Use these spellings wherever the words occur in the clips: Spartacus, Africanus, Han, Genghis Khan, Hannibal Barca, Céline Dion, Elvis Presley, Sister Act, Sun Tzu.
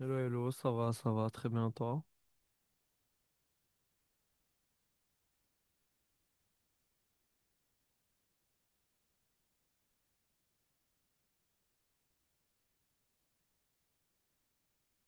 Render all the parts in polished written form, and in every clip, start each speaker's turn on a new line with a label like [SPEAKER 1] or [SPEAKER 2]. [SPEAKER 1] Hello, hello, ça va, très bien, toi.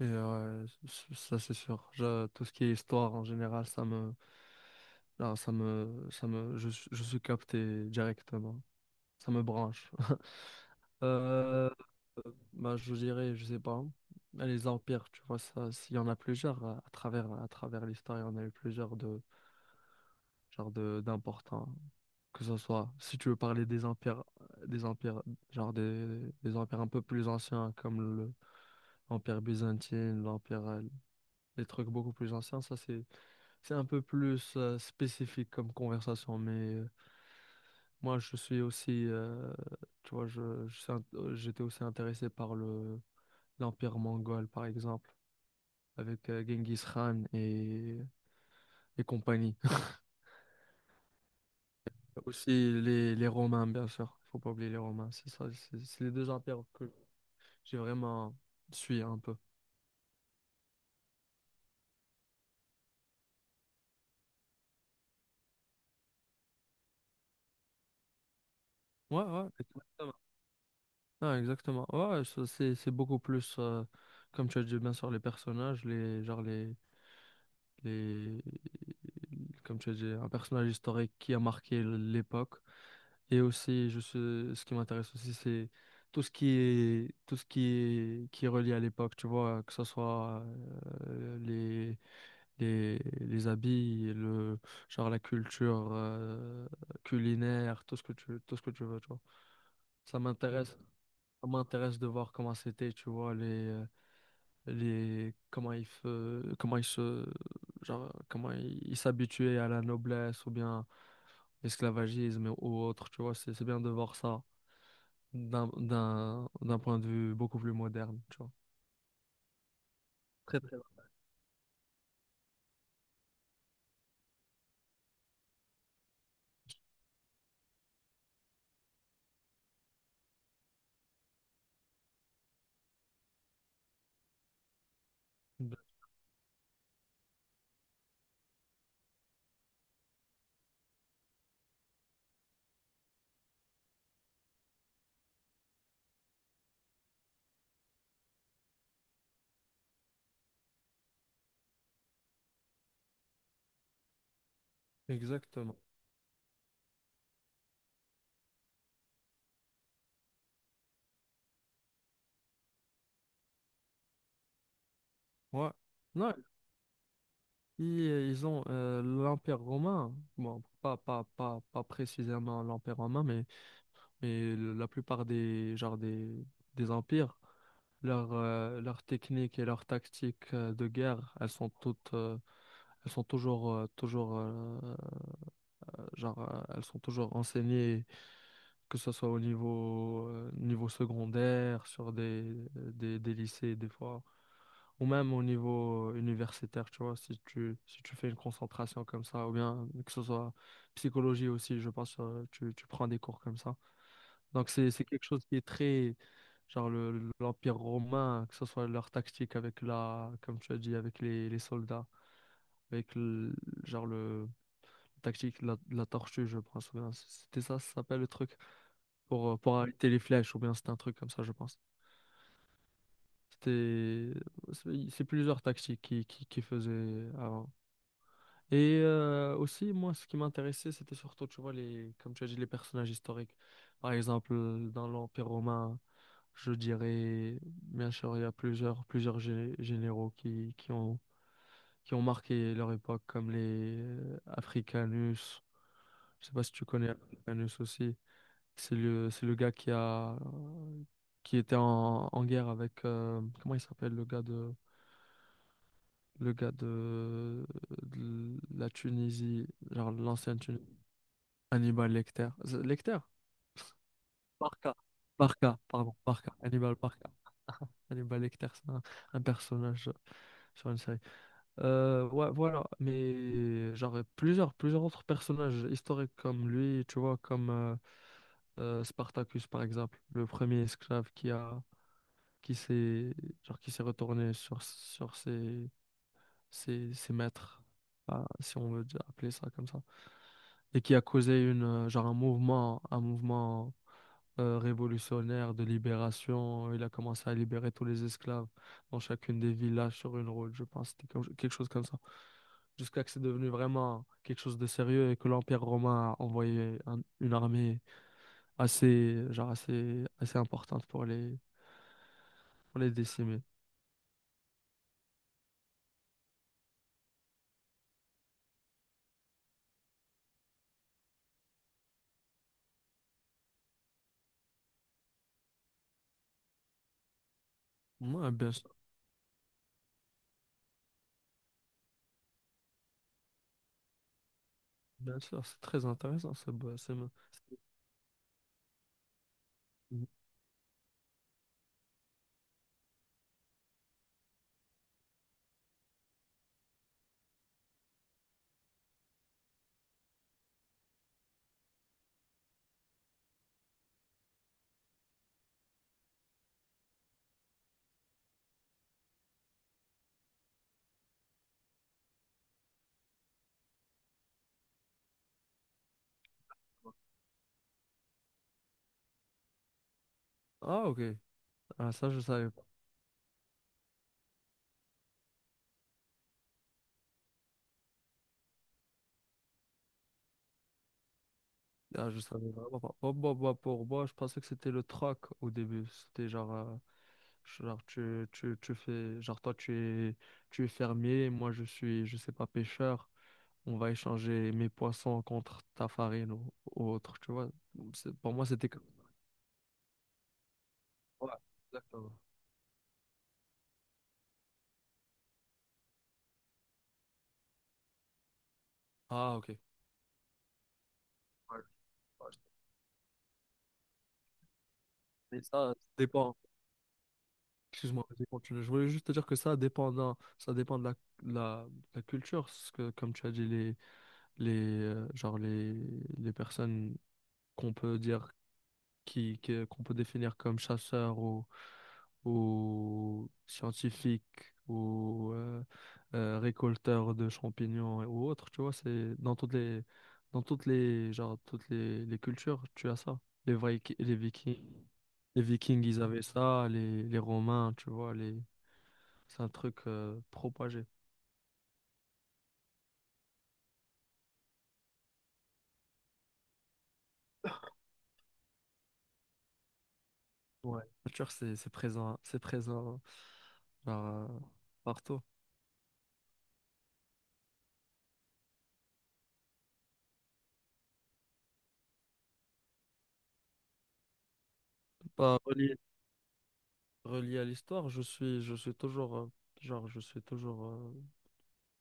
[SPEAKER 1] Ça, c'est sûr. Tout ce qui est histoire en général, ça me, non, ça me, je suis capté directement. Ça me branche. Euh, je dirais, je sais pas, les empires, tu vois, ça, s'il y en a plusieurs à travers l'histoire, il y en a eu plusieurs de d'importants. Que ce soit, si tu veux parler des empires, des empires, genre des empires un peu plus anciens comme le Empire byzantin, les trucs beaucoup plus anciens, ça c'est un peu plus spécifique comme conversation. Moi je suis aussi, j'étais aussi intéressé par le l'empire mongol par exemple, avec Genghis Khan et compagnie. Aussi les Romains, bien sûr, faut pas oublier les Romains. C'est ça, c'est les deux empires que j'ai vraiment suivi un peu. Ouais, ouais. Non, exactement. Ouais, ça c'est beaucoup plus, comme tu as dit, bien sûr, les personnages, les, genre les, comme tu as dit, un personnage historique qui a marqué l'époque. Et aussi, ce qui m'intéresse aussi, c'est tout ce qui est, qui est relié à l'époque, tu vois, que ce soit euh, les, les habits, genre la culture culinaire, tout ce que tu veux, tu vois. Ça m'intéresse. Ça m'intéresse de voir comment c'était, tu vois, comment comment ils se, genre, comment ils ils s'habituaient à la noblesse ou bien l'esclavagisme ou autre, tu vois, c'est bien de voir ça d'un point de vue beaucoup plus moderne, tu vois. Très, très bien. Exactement. Ouais. Non, ils, ils ont l'Empire romain, bon, pas précisément l'Empire romain, mais la plupart des empires, leur technique et leur tactique de guerre, elles sont toutes, elles sont toujours, toujours, genre, elles sont toujours enseignées, que ce soit au niveau, niveau secondaire, sur des lycées, des fois. Ou même au niveau universitaire, tu vois, si tu fais une concentration comme ça, ou bien que ce soit psychologie aussi, je pense, tu prends des cours comme ça. Donc c'est quelque chose qui est très, l'Empire romain, que ce soit leur tactique avec la, comme tu as dit, avec les soldats, avec le, genre le tactique de la tortue, je pense. Ou bien c'était ça, ça s'appelle le truc, pour arrêter les flèches, ou bien c'était un truc comme ça, je pense. C'était, c'est plusieurs tactiques qui faisaient avant. Et aussi, moi, ce qui m'intéressait, c'était surtout, tu vois, les, comme tu as dit, les personnages historiques. Par exemple, dans l'Empire romain, je dirais, bien sûr, il y a plusieurs généraux qui qui ont marqué leur époque, comme les Africanus. Je sais pas si tu connais Africanus aussi. C'est le gars qui a, qui était en guerre avec, comment il s'appelle, le gars de la Tunisie, genre l'ancienne Tunisie. Hannibal Lecter. Lecter? Barca. Barca, pardon, Barca. Hannibal Barca. Hannibal Lecter, c'est un personnage sur une série. Ouais, voilà. Mais j'aurais plusieurs autres personnages historiques comme lui, tu vois, comme Spartacus, par exemple, le premier esclave qui a, qui s'est, qui s'est retourné sur ses maîtres. Ah, si on veut appeler ça comme ça, et qui a causé une, genre un mouvement, un mouvement révolutionnaire de libération. Il a commencé à libérer tous les esclaves dans chacune des villages sur une route, je pense. Quelque chose comme ça. Jusqu'à que c'est devenu vraiment quelque chose de sérieux et que l'Empire romain a envoyé une armée assez, assez importante pour les décimer. Ouais, bien sûr, c'est très intéressant. Ce bo- ce mo- Mm. Ah, ok. Ah, ça, je savais pas. Ah, je savais vraiment pas. Oh, bah, pour moi, je pensais que c'était le troc au début. C'était genre. Genre, tu fais, genre, toi, es, tu es fermier, moi, je suis, je sais pas, pêcheur. On va échanger mes poissons contre ta farine ou autre, tu vois. Pour moi, c'était comme... Ouais, exactement. Ah, ok. Ouais, ouais, je- mais ça dépend. Excuse-moi, vas-y, continue. Je voulais juste te dire que ça dépend ça dépend de la culture. Parce que, comme tu as dit, les, euh, genre les, les personnes qu'on peut dire qu'on peut définir comme chasseur ou scientifique ou récolteur de champignons ou autre, tu vois, c'est dans toutes les les cultures, tu as ça. Les Vikings, ils avaient ça, les Romains, tu vois, les c'est un truc propagé. Ouais, la culture c'est présent, c'est présent genre, euh, partout. Pas relié, relié à l'histoire, je suis toujours, genre, je suis toujours, euh,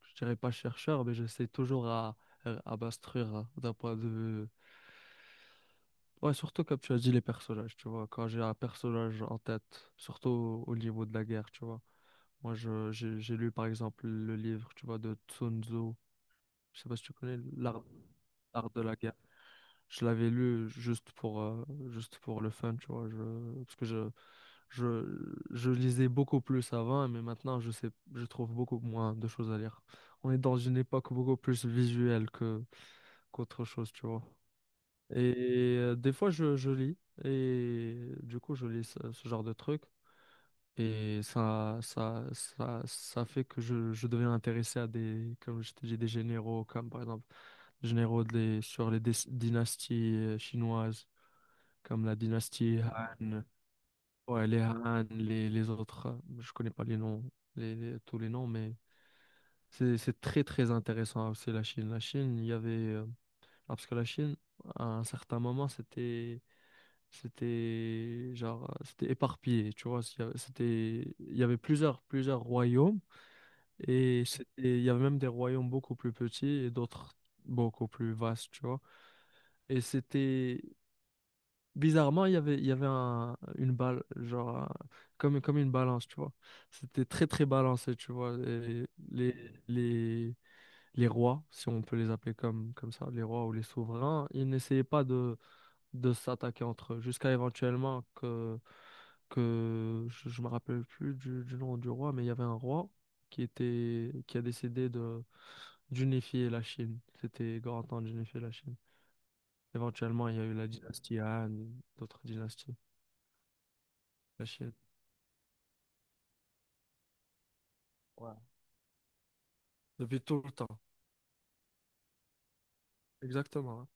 [SPEAKER 1] je dirais pas chercheur, mais j'essaie toujours à m'instruire, hein, d'un point de vue. Ouais, surtout comme tu as dit, les personnages, tu vois. Quand j'ai un personnage en tête, surtout au niveau de la guerre, tu vois. Moi, j'ai lu par exemple le livre, tu vois, de Sun Tzu. Je sais pas si tu connais l'art de la guerre. Je l'avais lu juste pour le fun, tu vois. Parce que je lisais beaucoup plus avant, mais maintenant, je sais, je trouve beaucoup moins de choses à lire. On est dans une époque beaucoup plus visuelle qu'autre chose, tu vois. Et des fois, je lis, et du coup, je lis ce genre de truc, et ça fait que je deviens intéressé à des, comme je t'ai dit, des généraux, comme par exemple, généraux des, sur les dynasties chinoises comme la dynastie Han, ouais, les Han, les autres, je connais pas les noms, tous les noms, mais c'est très très intéressant aussi la Chine. La Chine, il y avait, parce que la Chine, à un certain moment, c'était éparpillé, tu vois, s'il y avait- c'était il y avait plusieurs royaumes et c'était il y avait même des royaumes beaucoup plus petits et d'autres beaucoup plus vastes, tu vois. Et c'était Bizarrement, il y avait une balle, comme, comme une balance, tu vois. C'était très, très balancé, tu vois. Et les, les rois, si on peut les appeler comme ça, les rois ou les souverains, ils n'essayaient pas de s'attaquer entre eux, jusqu'à éventuellement que je me rappelle plus du nom du roi, mais il y avait un roi qui a décidé d'unifier la Chine. C'était grand temps d'unifier la Chine. Éventuellement, il y a eu la dynastie Han, d'autres dynasties. La Chine. Ouais. Depuis tout le temps. Exactement.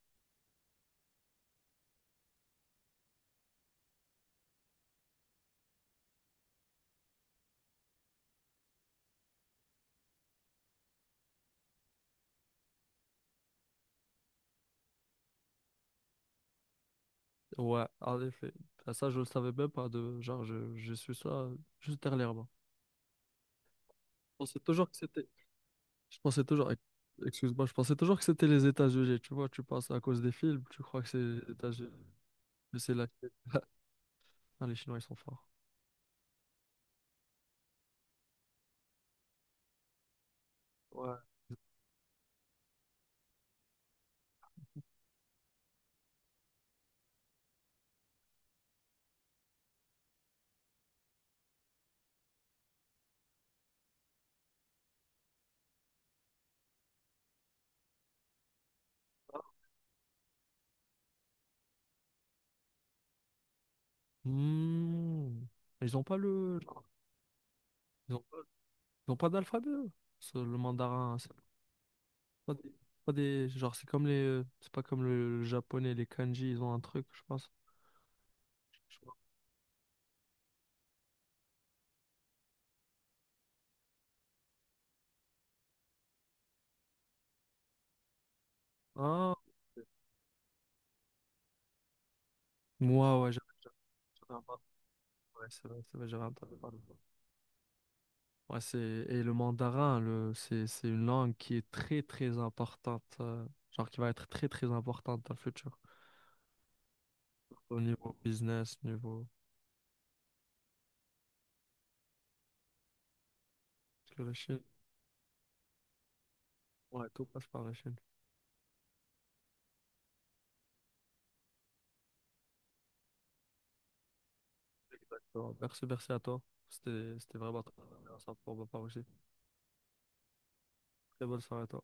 [SPEAKER 1] Ouais, en effet. Ah, ça, je le savais même pas, je suis ça juste dernièrement. Je pensais toujours que c'était. Je pensais toujours. Ex- Excuse-moi, je pensais toujours que c'était les États-Unis. Tu vois, tu penses à cause des films, tu crois que c'est les États-Unis. Mais c'est la Chine. Ah, les Chinois, ils sont forts. Ouais. Hmm. Ils ont pas le. Ils ont, ils ont pas d'alphabet, eux. C'est le mandarin, c'est pas des. Genre, c'est comme les. C'est pas comme le japonais, les kanji, ils ont un truc, je pense. Ah, moi, ouais, j'avais entendu. Ouais, c'est vrai, j'avais entendu parler. Ouais, c'est, et le mandarin, c'est une langue qui est très, très importante. Qui va être très, très importante dans le futur. Au niveau business, niveau. Parce que la Chine, ouais, tout passe par la Chine. Bon, merci, merci à toi. C'était vraiment très intéressant pour ma part aussi. Très bonne soirée à toi.